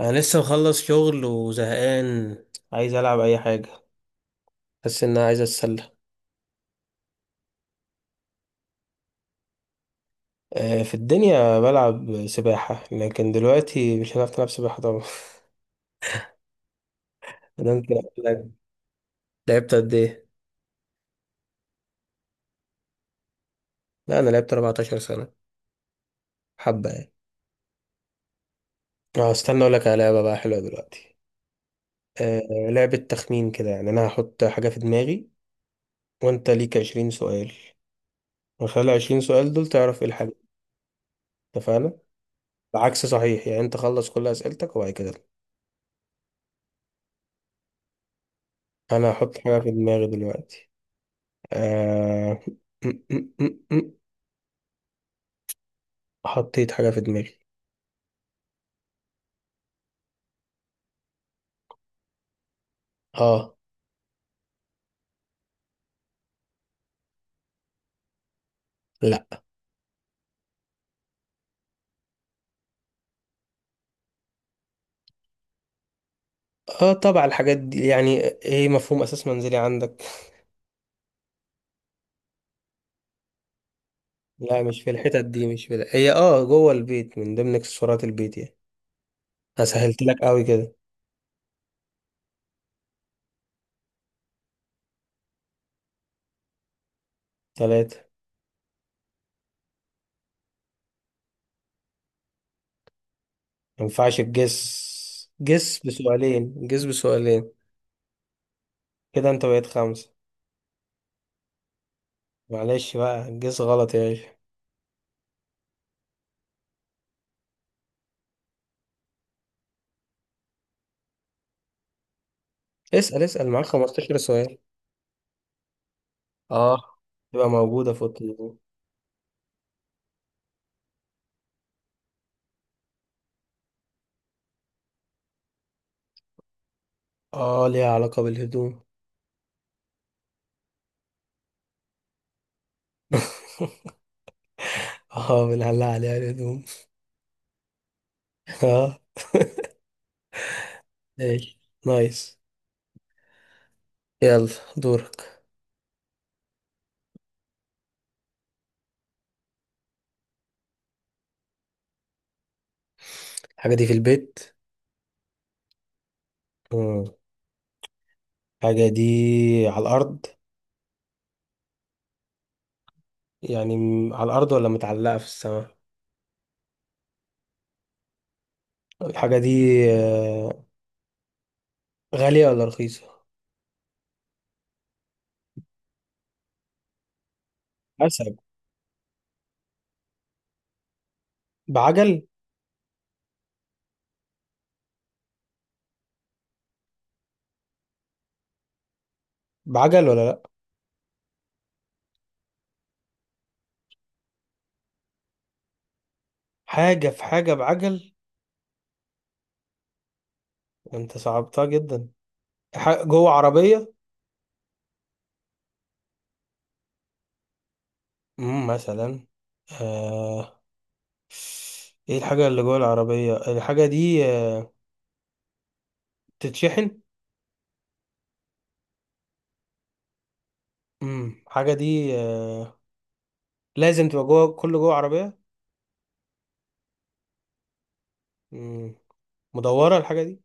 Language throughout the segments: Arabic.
انا لسه مخلص شغل وزهقان. عايز العب اي حاجه. حاسس ان انا عايز اتسلى. في الدنيا بلعب سباحه، لكن دلوقتي مش هنعرف نلعب سباحه طبعا. ده انت. لعبت قد ايه؟ لا انا لعبت 14 سنة سنه، حبه يعني. اه، استنى اقول لك على لعبه بقى حلوه دلوقتي. آه، لعبه تخمين كده، يعني انا هحط حاجه في دماغي، وانت ليك 20 سؤال. من خلال 20 سؤال دول تعرف ايه الحاجه. اتفقنا؟ العكس صحيح، يعني انت خلص كل اسئلتك وبعد كده. انا هحط حاجه في دماغي دلوقتي. آه... م- م- م- م. حطيت حاجة في دماغي. اه. لا. اه طبعا، الحاجات دي يعني ايه مفهوم اساس منزلي عندك؟ لا مش في الحتت دي، مش في ده. هي اه جوه البيت، من ضمن اكسسوارات البيت يعني. انا سهلت لك قوي كده. 3. ما ينفعش تجس. جس بسؤالين، جس بسؤالين. كده انت بقيت 5. معلش بقى، جس غلط يا باشا. اسأل، معاك 15 سؤال. اه، تبقى موجودة في أوضة النوم. اه، ليها علاقة بالهدوم. اه، بنعلق عليها الهدوم. اه. ماشي. نايس. يلا دورك. الحاجة دي في البيت؟ مم. الحاجة دي على الأرض. يعني على الأرض ولا متعلقة في السماء. الحاجة دي آه، غالية ولا رخيصة؟ حسب. بعجل. بعجل ولا لأ؟ حاجة في حاجة بعجل. أنت صعبتها جدا. جوه عربية. مثلا. آه. إيه الحاجة اللي جوه العربية؟ الحاجة دي بتتشحن؟ الحاجة دي لازم تبقى جوه كل جوه عربية. مم. مدورة الحاجة دي.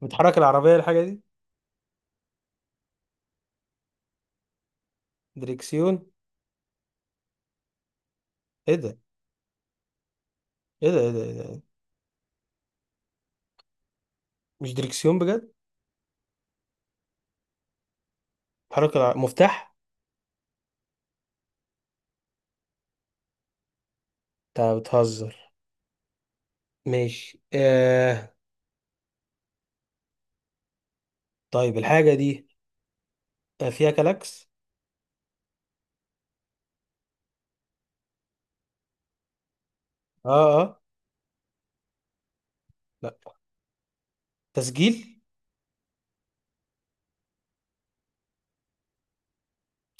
بتحرك العربية الحاجة دي؟ دريكسيون. ايه ده، ايه ده، إيه ده؟ مش دريكسيون بجد؟ مفتاح. انت بتهزر. ماشي. طيب الحاجة دي فيها كلاكس؟ اه. لا، تسجيل.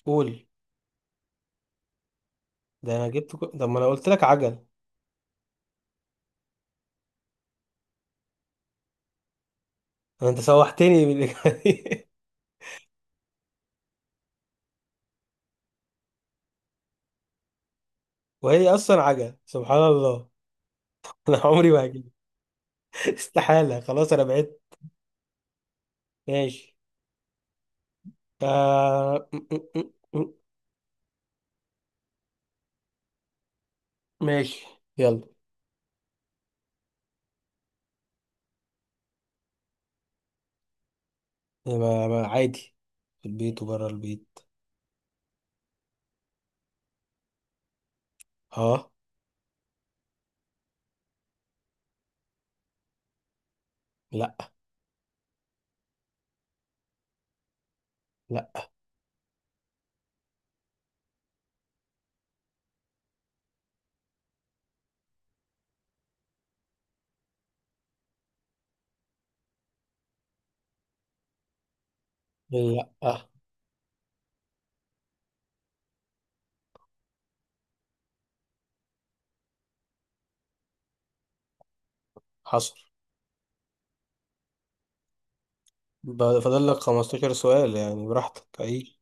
قول. ده انا جبت كل... طب ما انا قلت لك عجل. انت سوحتني بالإجابة دي. وهي اصلا عجل سبحان الله. انا عمري ما هجيب. استحالة، خلاص انا بعدت. ماشي. آه... م- م- م- م- ماشي يلا. ما عادي، في البيت وبره البيت. اه. لا. لا. لا. حصل. فاضل لك 15 سؤال يعني، براحتك اي.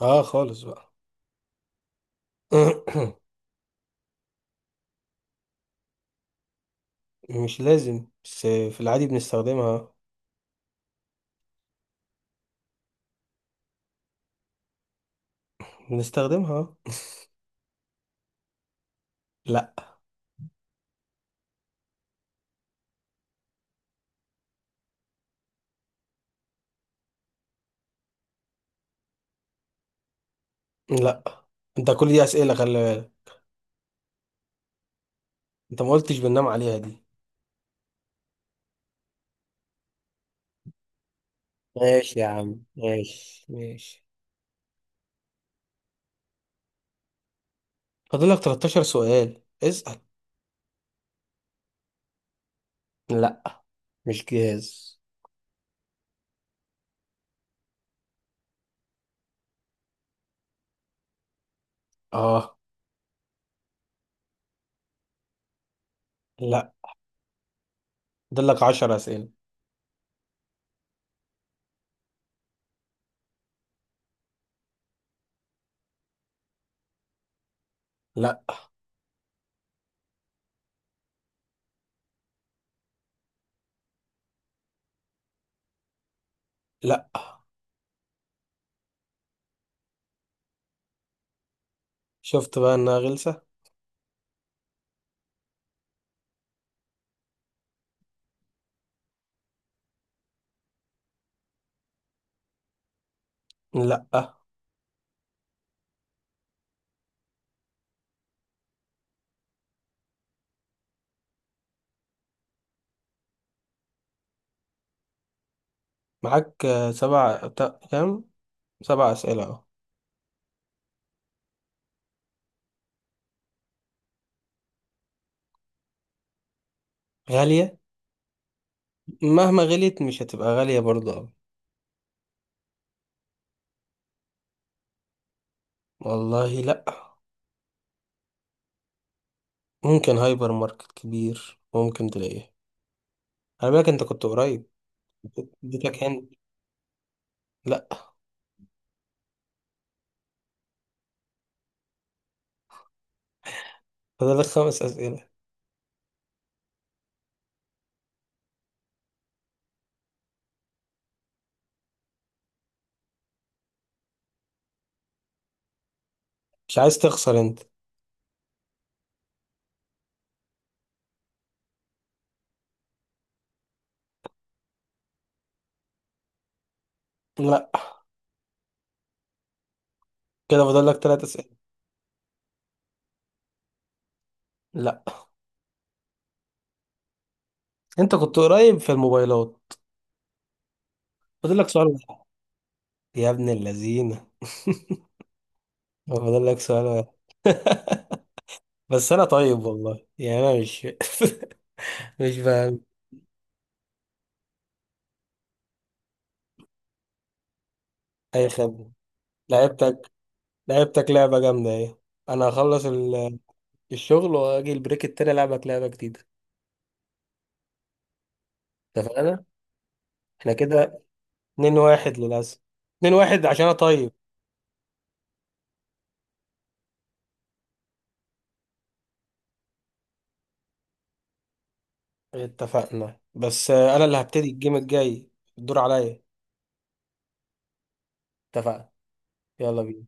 اه خالص بقى. مش لازم، بس في العادي بنستخدمها. لا. لا انت كل دي اسئله، خلي بالك. انت ما قلتش بننام عليها دي. ماشي يا عم، ماشي. فاضل لك 13 سؤال، اسال. لا مش جهاز. اه. لا، دلك 10 أسئلة. لا لا، شفت بقى إنها غلسة. لا. معاك كام؟ 7 أسئلة أهو. غالية. مهما غليت مش هتبقى غالية برضه أوي. والله لا. ممكن هايبر ماركت كبير ممكن تلاقيه. خلي بالك، أنت كنت قريب. اديتك هند. لا. فاضلك 5 أسئلة. مش عايز تخسر أنت. لا. كده فاضلك 3 أسئلة. لا. أنت كنت قريب في الموبايلات. فاضلك 1 سؤال. يا ابن اللذينة. فاضلك سؤال واحد. بس انا طيب والله، يعني انا مش مش فاهم. اي خدمه. لعبتك. لعبتك لعبه جامده ايه. انا هخلص ال- الشغل واجي البريك التاني العبك لعبه جديده. اتفقنا. احنا كده 2-1 للاسف. 2-1 عشان انا طيب. اتفقنا، بس انا اللي هبتدي الجيم الجاي. الدور عليا. اتفقنا. يلا بينا.